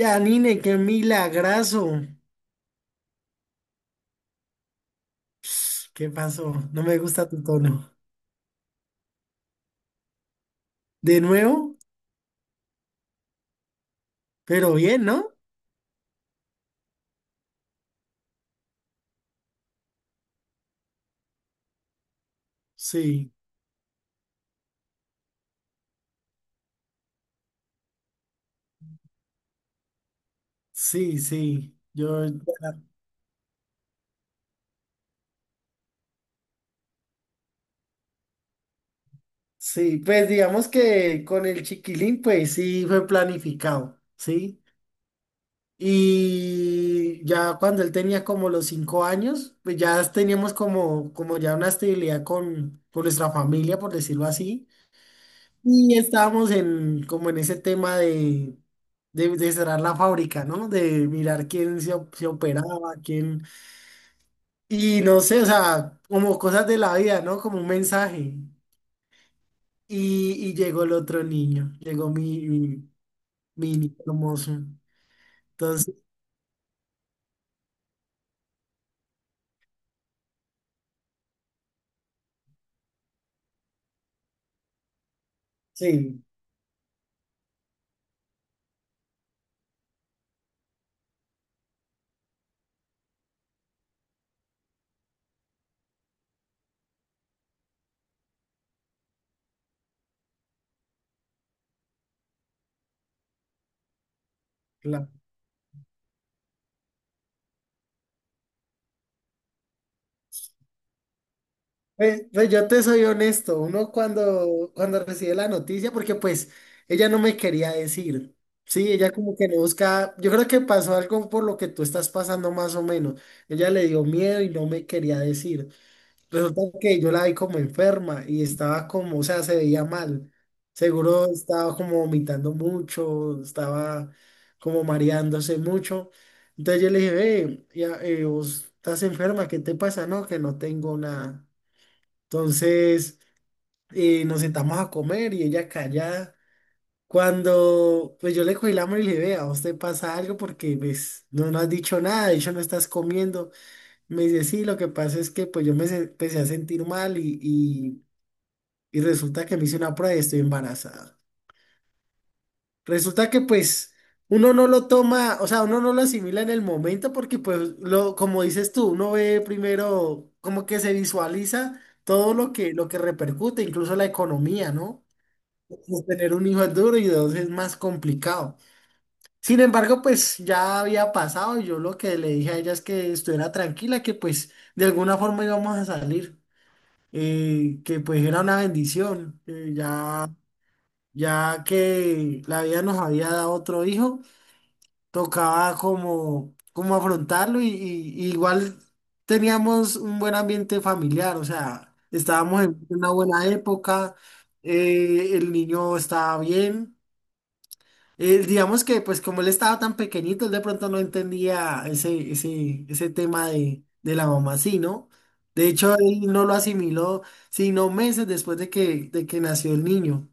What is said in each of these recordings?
Yanine, qué milagrazo. Ps, ¿qué pasó? No me gusta tu tono. De nuevo, pero bien, ¿no? Sí, sí, sí. Yo, sí, pues digamos que con el chiquilín, pues sí fue planificado, ¿sí? Y ya cuando él tenía como los 5 años, pues ya teníamos como, como ya una estabilidad con nuestra familia, por decirlo así. Y estábamos en, como en ese tema de cerrar la fábrica, ¿no? De mirar quién se, se operaba, quién... Y no sé, o sea, como cosas de la vida, ¿no? Como un mensaje. Y llegó el otro niño, llegó mi niño hermoso. Entonces, sí, pues, pues yo te soy honesto, uno cuando recibe la noticia, porque pues ella no me quería decir, sí, ella como que no busca, yo creo que pasó algo por lo que tú estás pasando más o menos, ella le dio miedo y no me quería decir, resulta que yo la vi como enferma y estaba como, o sea, se veía mal, seguro estaba como vomitando mucho, estaba como mareándose mucho, entonces yo le dije, ve, ya, vos estás enferma, ¿qué te pasa? No, que no tengo nada. Entonces nos sentamos a comer y ella callada. Cuando pues yo le cogí la mano y le dije, vea, ¿a usted pasa algo? Porque pues no, no has dicho nada, de hecho no estás comiendo. Me dice, sí, lo que pasa es que pues yo empecé a sentir mal y resulta que me hice una prueba y estoy embarazada. Resulta que pues uno no lo toma, o sea, uno no lo asimila en el momento porque pues lo, como dices tú, uno ve primero como que se visualiza todo lo que repercute, incluso la economía, ¿no? Pues tener un hijo es duro y dos es más complicado. Sin embargo, pues ya había pasado y yo lo que le dije a ella es que estuviera tranquila, que pues de alguna forma íbamos a salir, que pues era una bendición, que ya, ya que la vida nos había dado otro hijo, tocaba como, como afrontarlo y igual teníamos un buen ambiente familiar, o sea, estábamos en una buena época, el niño estaba bien. Digamos que, pues, como él estaba tan pequeñito, él de pronto no entendía ese tema de la mamá, sí, ¿no? De hecho, él no lo asimiló, sino meses después de que nació el niño.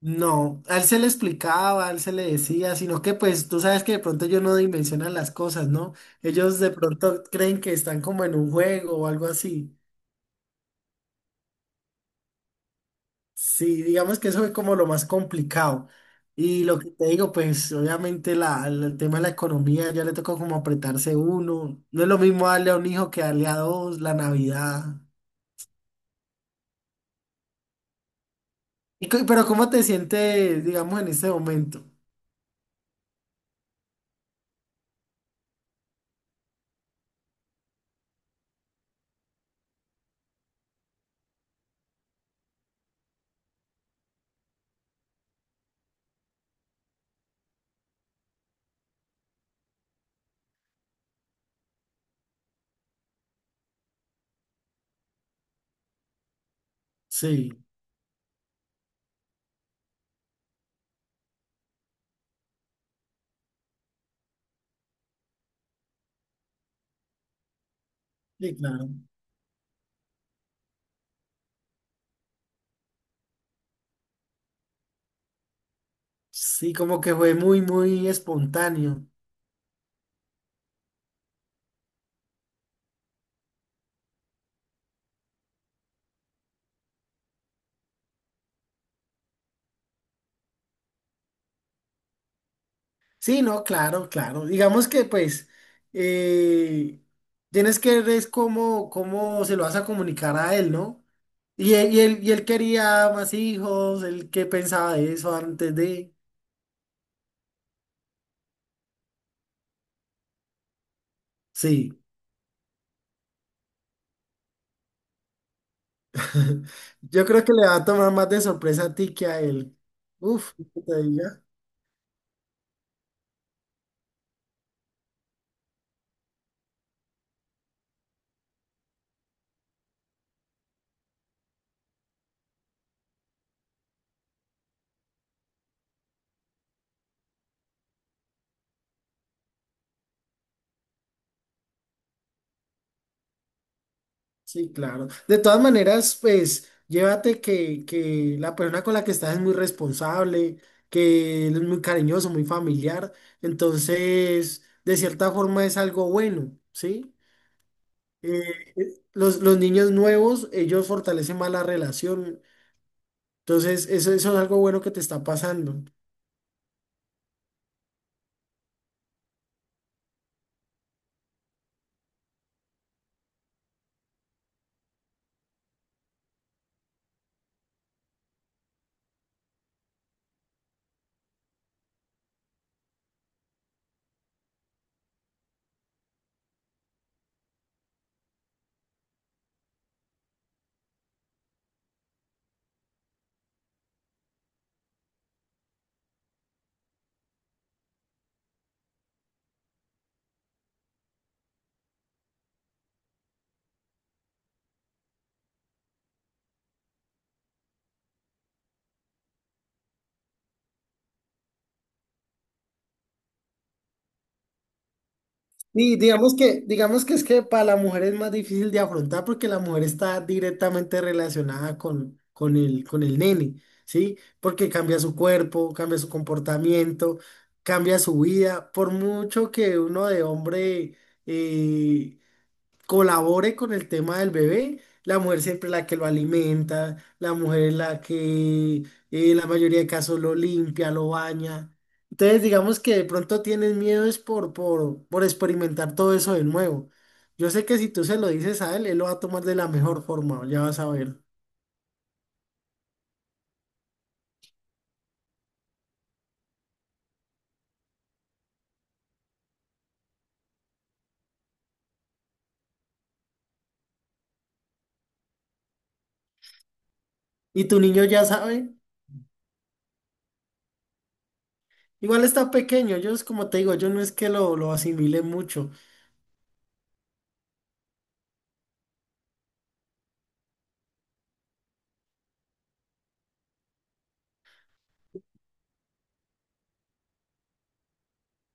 No, a él se le explicaba, a él se le decía, sino que, pues, tú sabes que de pronto ellos no dimensionan las cosas, ¿no? Ellos de pronto creen que están como en un juego o algo así. Sí, digamos que eso fue como lo más complicado. Y lo que te digo, pues obviamente la, el tema de la economía ya le tocó como apretarse uno. No es lo mismo darle a un hijo que darle a dos, la Navidad. Y pero ¿cómo te sientes, digamos, en este momento? Sí, sí, claro. Sí, como que fue muy, muy espontáneo. Sí, no, claro, claro. Digamos que pues eh, tienes que ver es cómo, cómo se lo vas a comunicar a él, ¿no? Y él quería más hijos, él qué pensaba de eso antes de... Sí, yo creo que le va a tomar más de sorpresa a ti que a él. Uf, ¿qué te diga? Sí, claro. De todas maneras, pues, llévate que la persona con la que estás es muy responsable, que él es muy cariñoso, muy familiar. Entonces, de cierta forma es algo bueno, ¿sí? Los niños nuevos, ellos fortalecen más la relación. Entonces, eso es algo bueno que te está pasando. Y digamos que es que para la mujer es más difícil de afrontar porque la mujer está directamente relacionada con el nene, ¿sí? Porque cambia su cuerpo, cambia su comportamiento, cambia su vida. Por mucho que uno de hombre eh, colabore con el tema del bebé, la mujer siempre es la que lo alimenta, la mujer es la que en la mayoría de casos lo limpia, lo baña. Entonces, digamos que de pronto tienes miedo es por experimentar todo eso de nuevo. Yo sé que si tú se lo dices a él, él lo va a tomar de la mejor forma, ya vas a ver. Y tu niño ya sabe, igual está pequeño, ellos como te digo, yo no es que lo asimile mucho.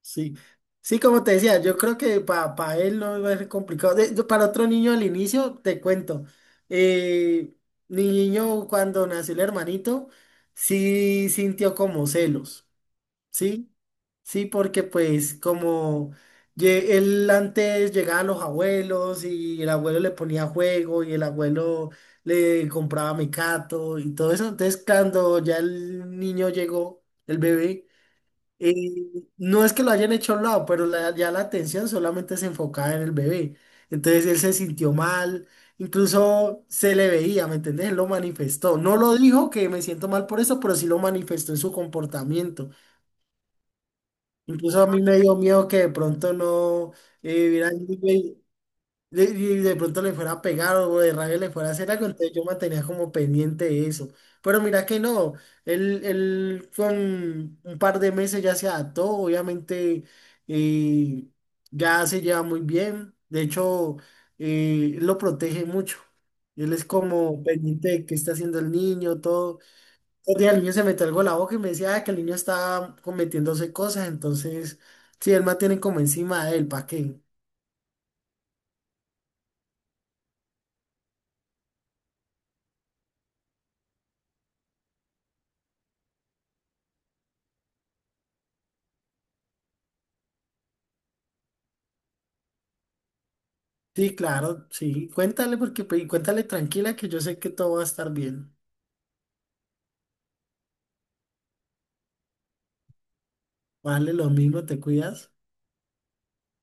Sí, sí, como te decía, yo creo que para él no va a ser complicado. Para otro niño al inicio, te cuento, eh, mi niño cuando nació el hermanito, sí sintió como celos, ¿sí? Sí, porque pues como él antes llegaba a los abuelos y el abuelo le ponía juego y el abuelo le compraba mecato y todo eso, entonces cuando ya el niño llegó, el bebé, eh, no es que lo hayan hecho a un lado, pero ya la atención solamente se enfocaba en el bebé. Entonces él se sintió mal, incluso se le veía, ¿me entendés? Él lo manifestó. No lo dijo que me siento mal por eso, pero sí lo manifestó en su comportamiento. Incluso a mí me dio miedo que de pronto no hubiera y de pronto le fuera a pegar o de rabia le fuera a hacer algo, entonces yo mantenía como pendiente de eso. Pero mira que no, él con un par de meses ya se adaptó, obviamente eh, ya se lleva muy bien, de hecho él lo protege mucho. Él es como pendiente de qué está haciendo el niño, todo. Un día el niño se metió algo a la boca y me decía "Ah, que el niño estaba cometiéndose cosas", entonces sí, él mantiene como encima de él, ¿para qué? Sí, claro, sí. Cuéntale porque pues, y cuéntale tranquila que yo sé que todo va a estar bien. Vale, lo mismo, te cuidas.